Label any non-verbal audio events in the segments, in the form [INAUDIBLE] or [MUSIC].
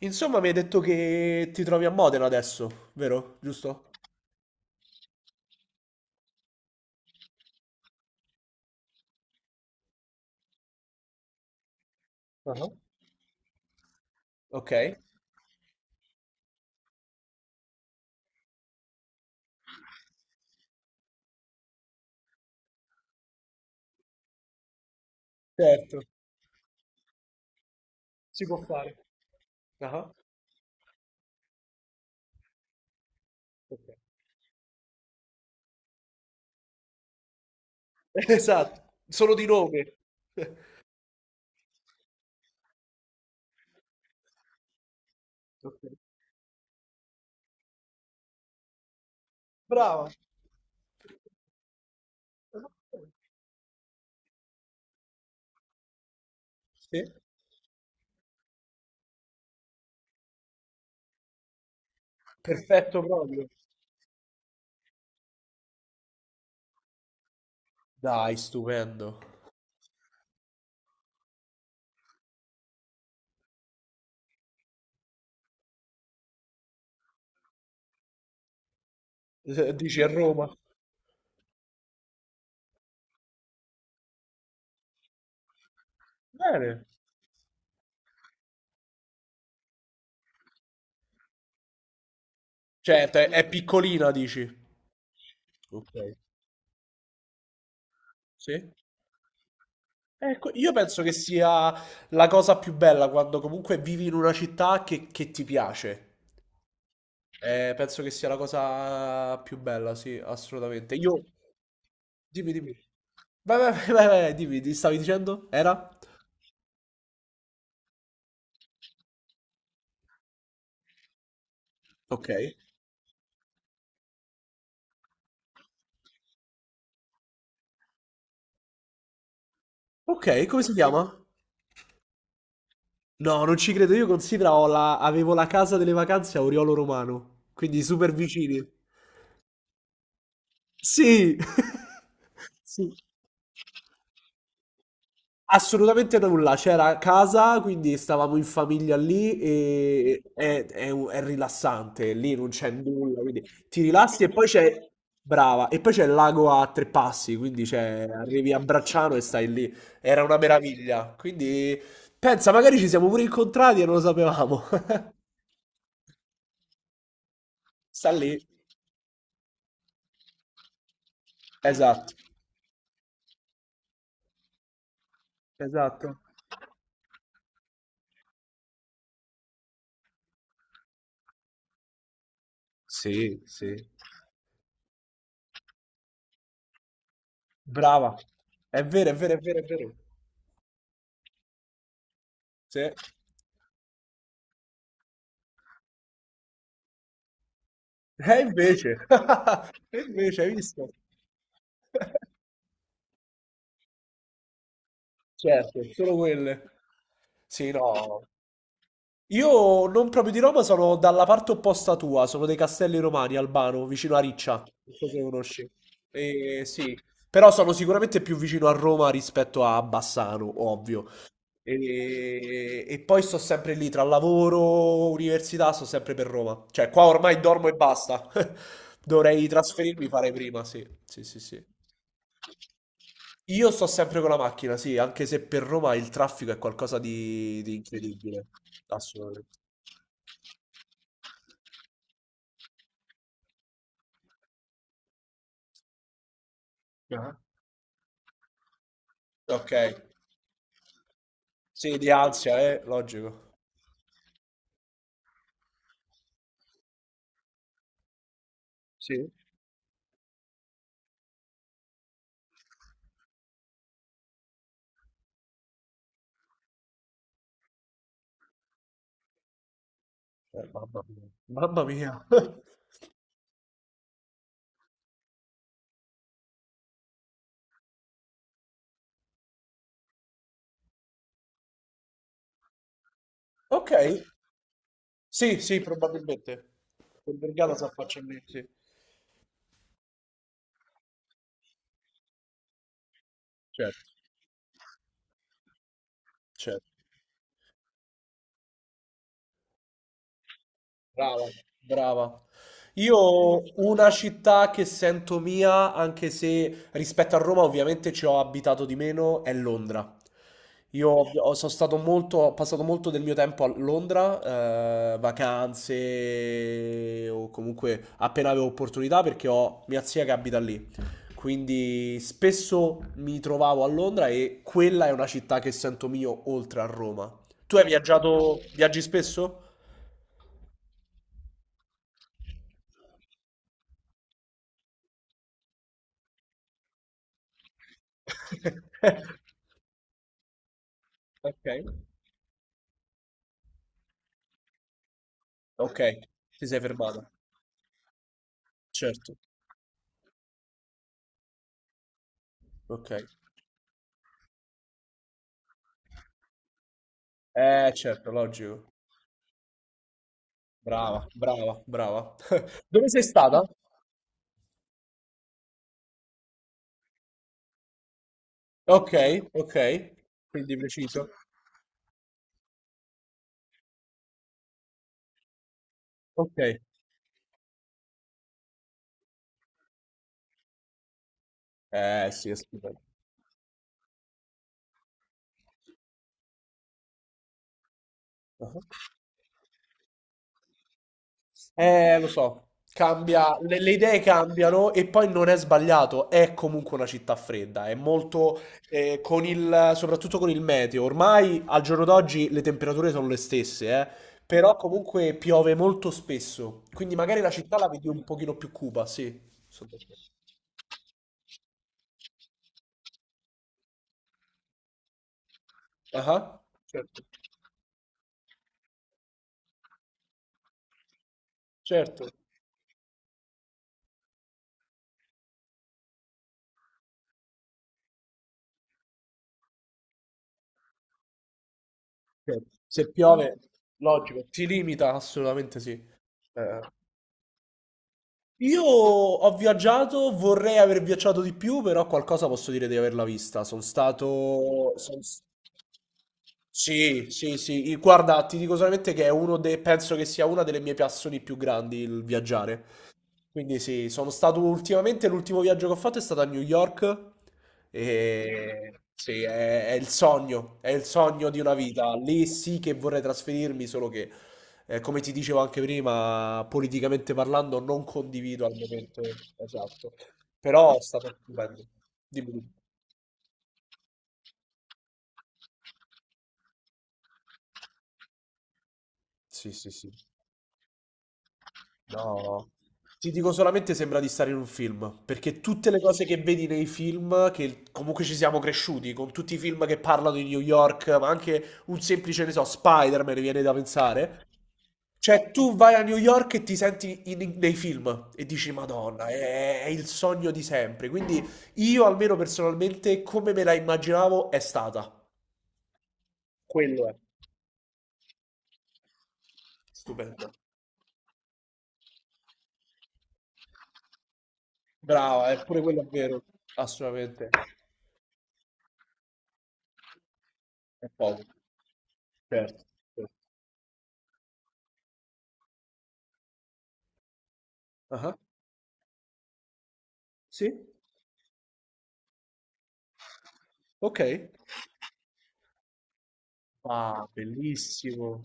Insomma, mi hai detto che ti trovi a Modena adesso, vero? Giusto? Ah, ok, certo. Si può fare. Ah, ok. [LAUGHS] Esatto, solo di nome. [LAUGHS] Ok. Brava. Sì. Perfetto proprio. Dai, stupendo. Dici a Roma? Bene. Cioè, è piccolina, dici? Ok. Sì. Ecco, io penso che sia la cosa più bella quando comunque vivi in una città che ti piace. Penso che sia la cosa più bella, sì, assolutamente. Io... Dimmi, dimmi. Vai, vai, vai, vai, vai, dimmi, ti stavi dicendo? Era? Ok. Ok, come si chiama? No, non ci credo, io considero ho la... avevo la casa delle vacanze a Oriolo Romano, quindi super vicini. Sì! [LAUGHS] Sì. Assolutamente nulla, c'era a casa, quindi stavamo in famiglia lì e è rilassante, lì non c'è nulla, quindi ti rilassi e poi c'è, brava, e poi c'è il lago a tre passi, quindi c'è, arrivi a Bracciano e stai lì, era una meraviglia, quindi pensa, magari ci siamo pure incontrati e non lo sapevamo. [LAUGHS] Sta lì, esatto, esatto, sì, sì. Brava, è vero, è vero, è vero, è vero, sì. Invece, [LAUGHS] e invece hai visto? Certo, solo quelle. Sì, no. Io non proprio di Roma, sono dalla parte opposta tua, sono dei Castelli Romani, Albano, vicino a Riccia. Non so se conosci. Sì, però sono sicuramente più vicino a Roma rispetto a Bassano, ovvio. E poi sto sempre lì tra lavoro, università, sto sempre per Roma. Cioè, qua ormai dormo e basta. [LAUGHS] Dovrei trasferirmi, fare prima, sì. Sì, sì, sì. Io sto sempre con la macchina, sì, anche se per Roma il traffico è qualcosa di incredibile. Assolutamente. Ah, ok. Sì, di ansia, logico. Sì. Mamma mia. Mamma mia. [LAUGHS] Ok. Sì, sì, probabilmente. Col Vergata si affaccia lì, sì. Certo, certo. Brava, brava. Io una città che sento mia, anche se rispetto a Roma ovviamente ci ho abitato di meno, è Londra. Sono stato molto, ho passato molto del mio tempo a Londra, vacanze o comunque appena avevo opportunità perché ho mia zia che abita lì. Quindi spesso mi trovavo a Londra e quella è una città che sento mio oltre a Roma. Tu hai viaggiato, viaggi spesso? [LAUGHS] Ok, ok, ti sei fermata, certo, ok, eh certo, logico, brava, brava, brava. [LAUGHS] Dove sei stata? Ok, ok, quindi preciso, ok, eh sì, è stupendo. Ah. Lo so, cambia, le idee cambiano e poi non è sbagliato, è comunque una città fredda, è molto, con il, soprattutto con il meteo, ormai al giorno d'oggi le temperature sono le stesse, però comunque piove molto spesso, quindi magari la città la vedi un pochino più cupa, sì. Sono d'accordo. Ah, certo, certo. Se piove, logico, ti limita, assolutamente sì. Eh. Io ho viaggiato, vorrei aver viaggiato di più, però qualcosa posso dire di averla vista. Sono stato... son- Sì, sì, sì. Guarda, ti dico solamente che è uno dei... penso che sia una delle mie passioni più grandi il viaggiare. Quindi sì, sono stato ultimamente, l'ultimo viaggio che ho fatto è stato a New York e sì, è il sogno di una vita. Lì sì che vorrei trasferirmi, solo che, come ti dicevo anche prima, politicamente parlando non condivido al momento esatto. Però è stato stupendo. Dimmi tu. Sì, sì, sì. No, ti dico solamente sembra di stare in un film, perché tutte le cose che vedi nei film, che comunque ci siamo cresciuti, con tutti i film che parlano di New York, ma anche un semplice, ne so, Spider-Man viene da pensare. Cioè, tu vai a New York e nei film e dici, Madonna, è il sogno di sempre. Quindi io, almeno personalmente, come me la immaginavo, è stata. Quello è. Stupendo. Brava, eppure quello è vero. Assolutamente. È poco, certo, cer ah-ah, sì, okay. Ah, bellissimo.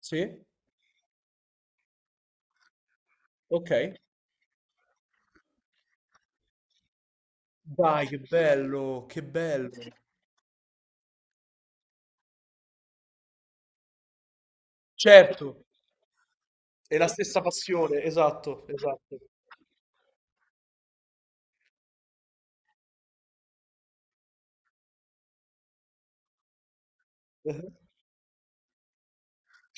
Sì, okay. Dai, che bello, che bello. Certo, è la stessa passione, esatto, esatto. Mh-mh.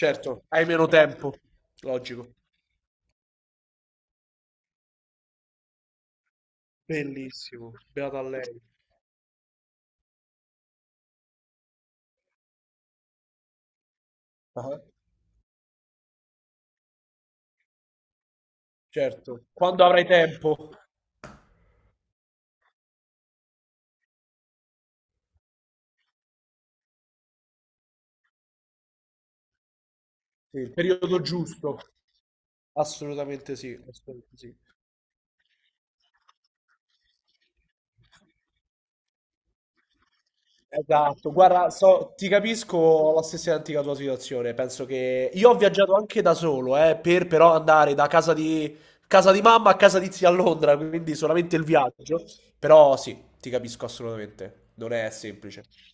Certo, hai meno tempo, logico. Bellissimo, beata a lei. Ah-ah, certo. Quando avrai tempo. Sì, il periodo giusto. Assolutamente sì, assolutamente sì. Esatto, guarda, so- ti capisco ho la stessa identica tua situazione. Penso che io ho viaggiato anche da solo, per però andare da casa di mamma a casa di zia a Londra, quindi solamente il viaggio. Però sì, ti capisco assolutamente. Non è semplice.